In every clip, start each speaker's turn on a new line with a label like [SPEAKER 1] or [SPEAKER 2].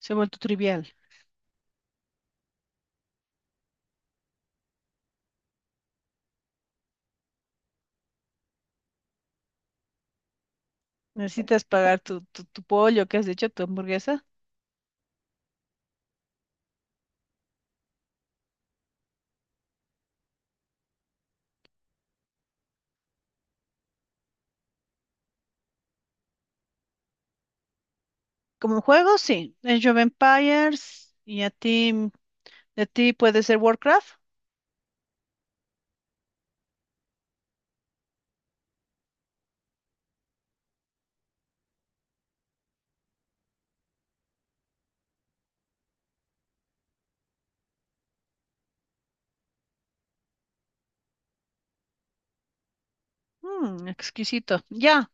[SPEAKER 1] Se ha vuelto trivial. Necesitas pagar tu pollo, ¿que has dicho? Tu hamburguesa. Como juego, sí. Age of Empires, y a ti, de ti puede ser Warcraft. Mm, exquisito. Ya,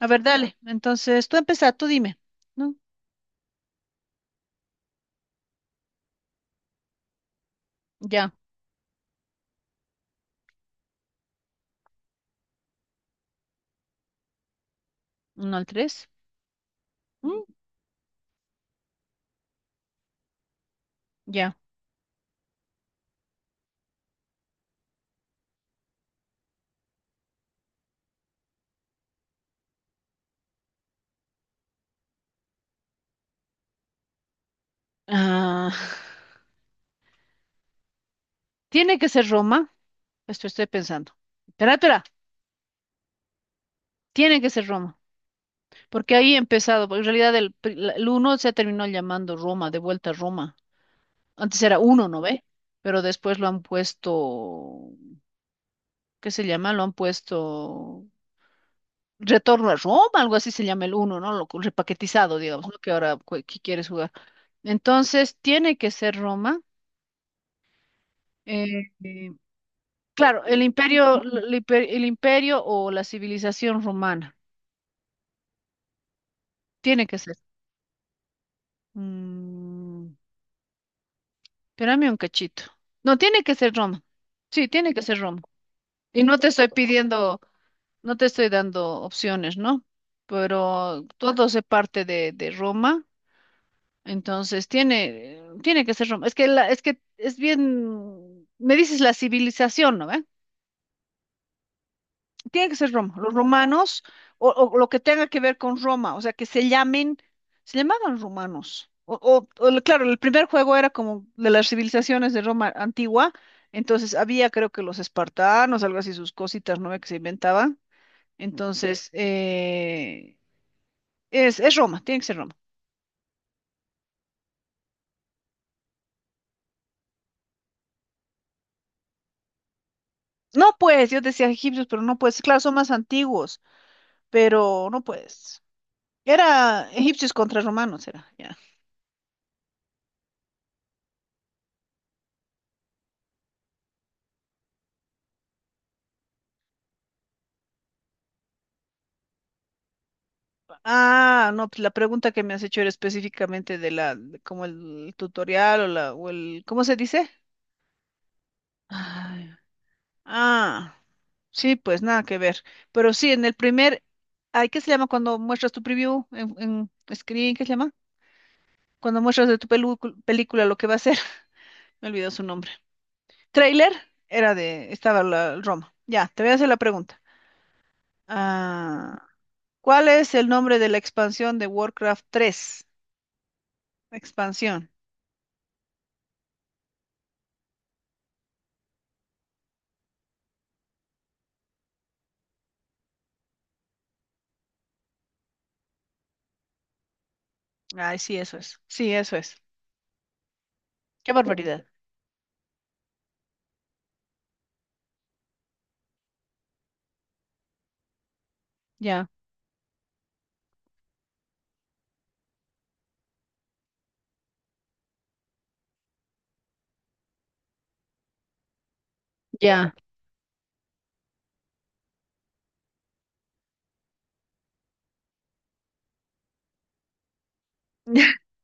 [SPEAKER 1] a ver, dale. Entonces, tú empieza, tú dime. ¿No? Ya, uno al tres. Mm, ya. Ah, tiene que ser Roma. Esto estoy pensando. Espera, espera. Tiene que ser Roma. Porque ahí he empezado, porque en realidad el uno se terminó llamando Roma, de vuelta a Roma. Antes era uno, ¿no ve? Pero después lo han puesto, ¿qué se llama? Lo han puesto Retorno a Roma, algo así se llama el uno, ¿no? Lo co- repaquetizado, digamos, ¿no? Que ahora cu- que quieres jugar. Entonces, tiene que ser Roma. eh, eh, claro, el imperio, el imper- el imperio o la civilización romana. Tiene que ser. Mm, espérame un cachito. No, tiene que ser Roma. Sí, tiene que ser Roma. Y no te estoy pidiendo. No te estoy dando opciones, ¿no? Pero todo se parte de Roma, entonces tiene, tiene que ser Roma. Es que, la, es que es bien, me dices la civilización, ¿no? ¿ve? Tiene que ser Roma, los romanos, o lo que tenga que ver con Roma, o sea, que se llamen, se llamaban romanos. O el- claro, el primer juego era como de las civilizaciones de Roma antigua, entonces había creo que los espartanos, algo así, sus cositas, ¿no? ¿ve? Que se inventaban. Entonces, es Roma, tiene que ser Roma. No puedes, yo decía egipcios, pero no puedes. Claro, son más antiguos, pero no puedes. Era egipcios contra romanos, era. Ya. Ah, no, pues la pregunta que me has hecho era específicamente de la, de como el tutorial o la, o el, ¿cómo se dice? Ay, ah, sí, pues nada que ver. Pero sí, en el primer, ay, ¿qué se llama cuando muestras tu preview en screen? ¿Qué se llama? Cuando muestras de tu pelu- película lo que va a ser. Me olvidó su nombre. Trailer era de, estaba la el Roma. Ya, te voy a hacer la pregunta. Ah, ¿cuál es el nombre de la expansión de Warcraft tres? Expansión. Ay, sí, eso es. Sí, eso es. Qué barbaridad. Ya. Ya.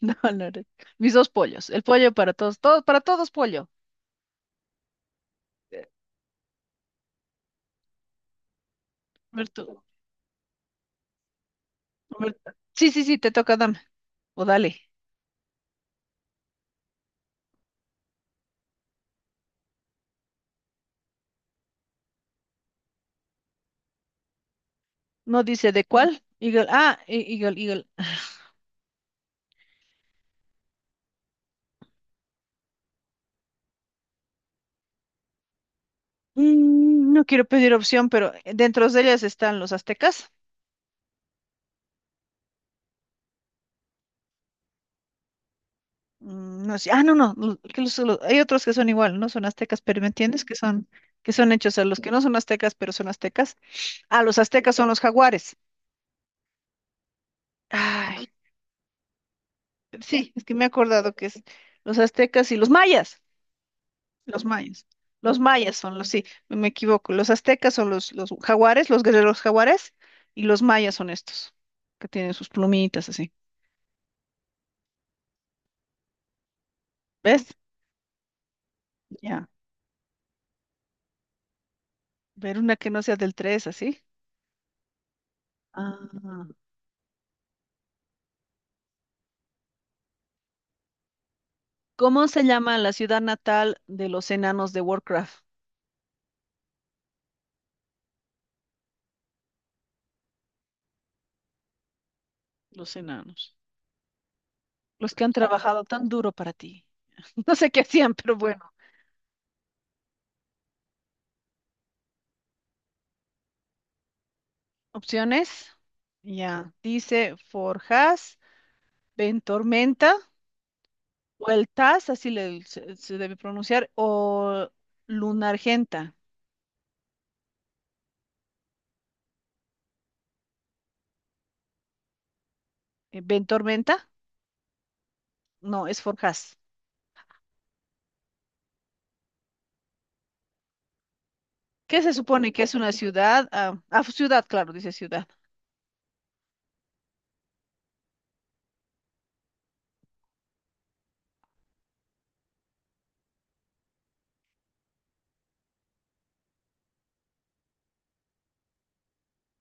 [SPEAKER 1] No, no, no. Mis dos pollos. El pollo para todos. Todo, para todos pollo. A ver tú. Sí, sí, sí, te toca, dame. O dale. No dice de cuál. Eagle. Ah, e- Eagle, Eagle. Mm, no quiero pedir opción, pero dentro de ellas están los aztecas. Mm, no sé, ah, no, no, lo- que los- lo- hay otros que son igual, no son aztecas, pero ¿me entiendes? Que son hechos a los que no son aztecas, pero son aztecas. Ah, los aztecas son los jaguares. Ay, sí, es que me he acordado que es los aztecas y los mayas, los mayas. Los mayas son los, sí, me equivoco. Los aztecas son los jaguares, los guerreros jaguares, y los mayas son estos, que tienen sus plumitas así. ¿Ves? Ya. Ver una que no sea del tres, así. Ah. ¿Cómo se llama la ciudad natal de los enanos de Warcraft? Los enanos. Los que han trabajado tan duro para ti. No sé qué hacían, pero bueno. Opciones. Ya. Dice Forjas, Ventormenta, Vueltas, así le- se debe pronunciar, o Lunargenta. ¿Eh, Ventormenta? No, es Forjas. ¿Qué se supone que es una ciudad? Ah, ah, ciudad, claro, dice ciudad.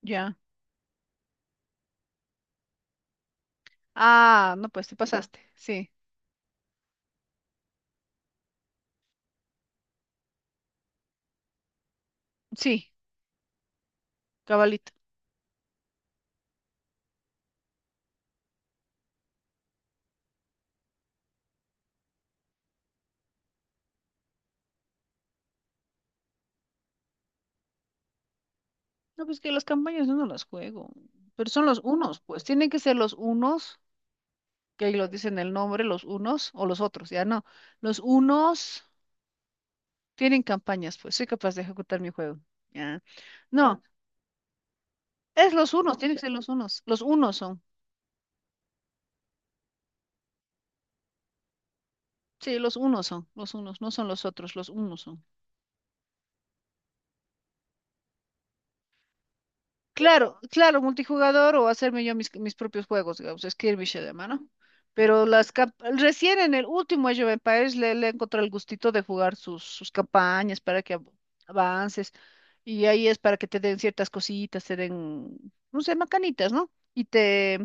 [SPEAKER 1] Ya. Ah, no, pues te pasaste. Sí, sí, cabalito. No, pues que las campañas yo no las juego, pero son los unos, pues tienen que ser los unos, que ahí lo dicen el nombre, los unos o los otros, ya no. Los unos tienen campañas, pues soy capaz de ejecutar mi juego. Ya. No, es los unos, tienen que ser los unos son. Sí, los unos son, los unos, no son los otros, los unos son. Claro, claro, multijugador o hacerme yo mis, mis propios juegos, digamos, skirmish de mano. Pero las cap- recién en el último Age of Empires le, le encontré el gustito de jugar sus, sus campañas para que av- avances. Y ahí es para que te den ciertas cositas, te den, no sé, macanitas, ¿no? Y te,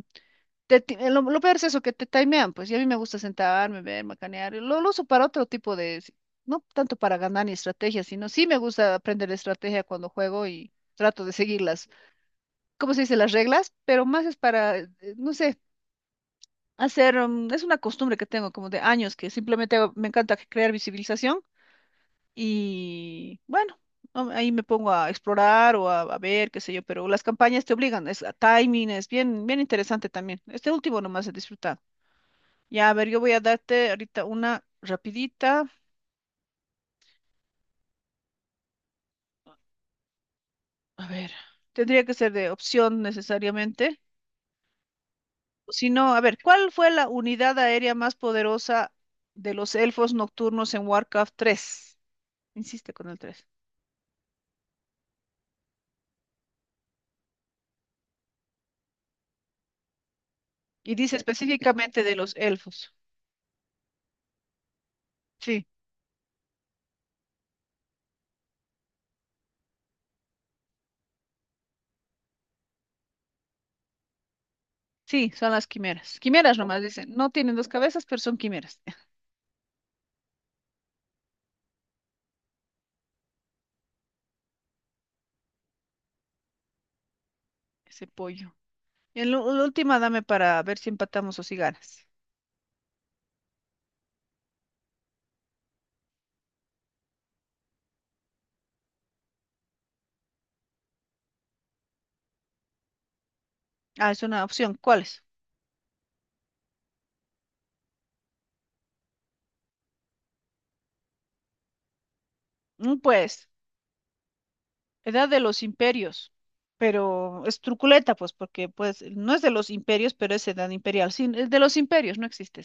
[SPEAKER 1] te ti- lo peor es eso, que te timean, pues, y a mí me gusta sentarme, ver, macanear. Y lo uso para otro tipo de, si, no tanto para ganar ni estrategia, sino sí me gusta aprender estrategia cuando juego y trato de seguirlas. ¿Cómo se dice? Las reglas, pero más es para, no sé, hacer, mm, es una costumbre que tengo como de años, que simplemente hago- me encanta crear visibilización y bueno, am- ahí me pongo a explorar o a ver, qué sé yo, pero las campañas te obligan, es a timing, es bien, bien interesante también. Este último nomás he disfrutado. Ya, a ver, yo voy a darte ahorita una rapidita, a ver, tendría que ser de opción necesariamente. Si no, a ver, ¿cuál fue la unidad aérea más poderosa de los elfos nocturnos en Warcraft tres? Insiste con el 3. Y dice específicamente de los elfos. Sí, sí, son las quimeras. Quimeras nomás dicen. No tienen dos cabezas, pero son quimeras. Ese pollo. Y en lo- la última dame para ver si empatamos o si ganas. Ah, es una opción. ¿Cuál es? Mm, pues, edad de los imperios. Pero es truculenta, pues, porque pues no es de los imperios, pero es edad imperial. Sí, es de los imperios, no existe.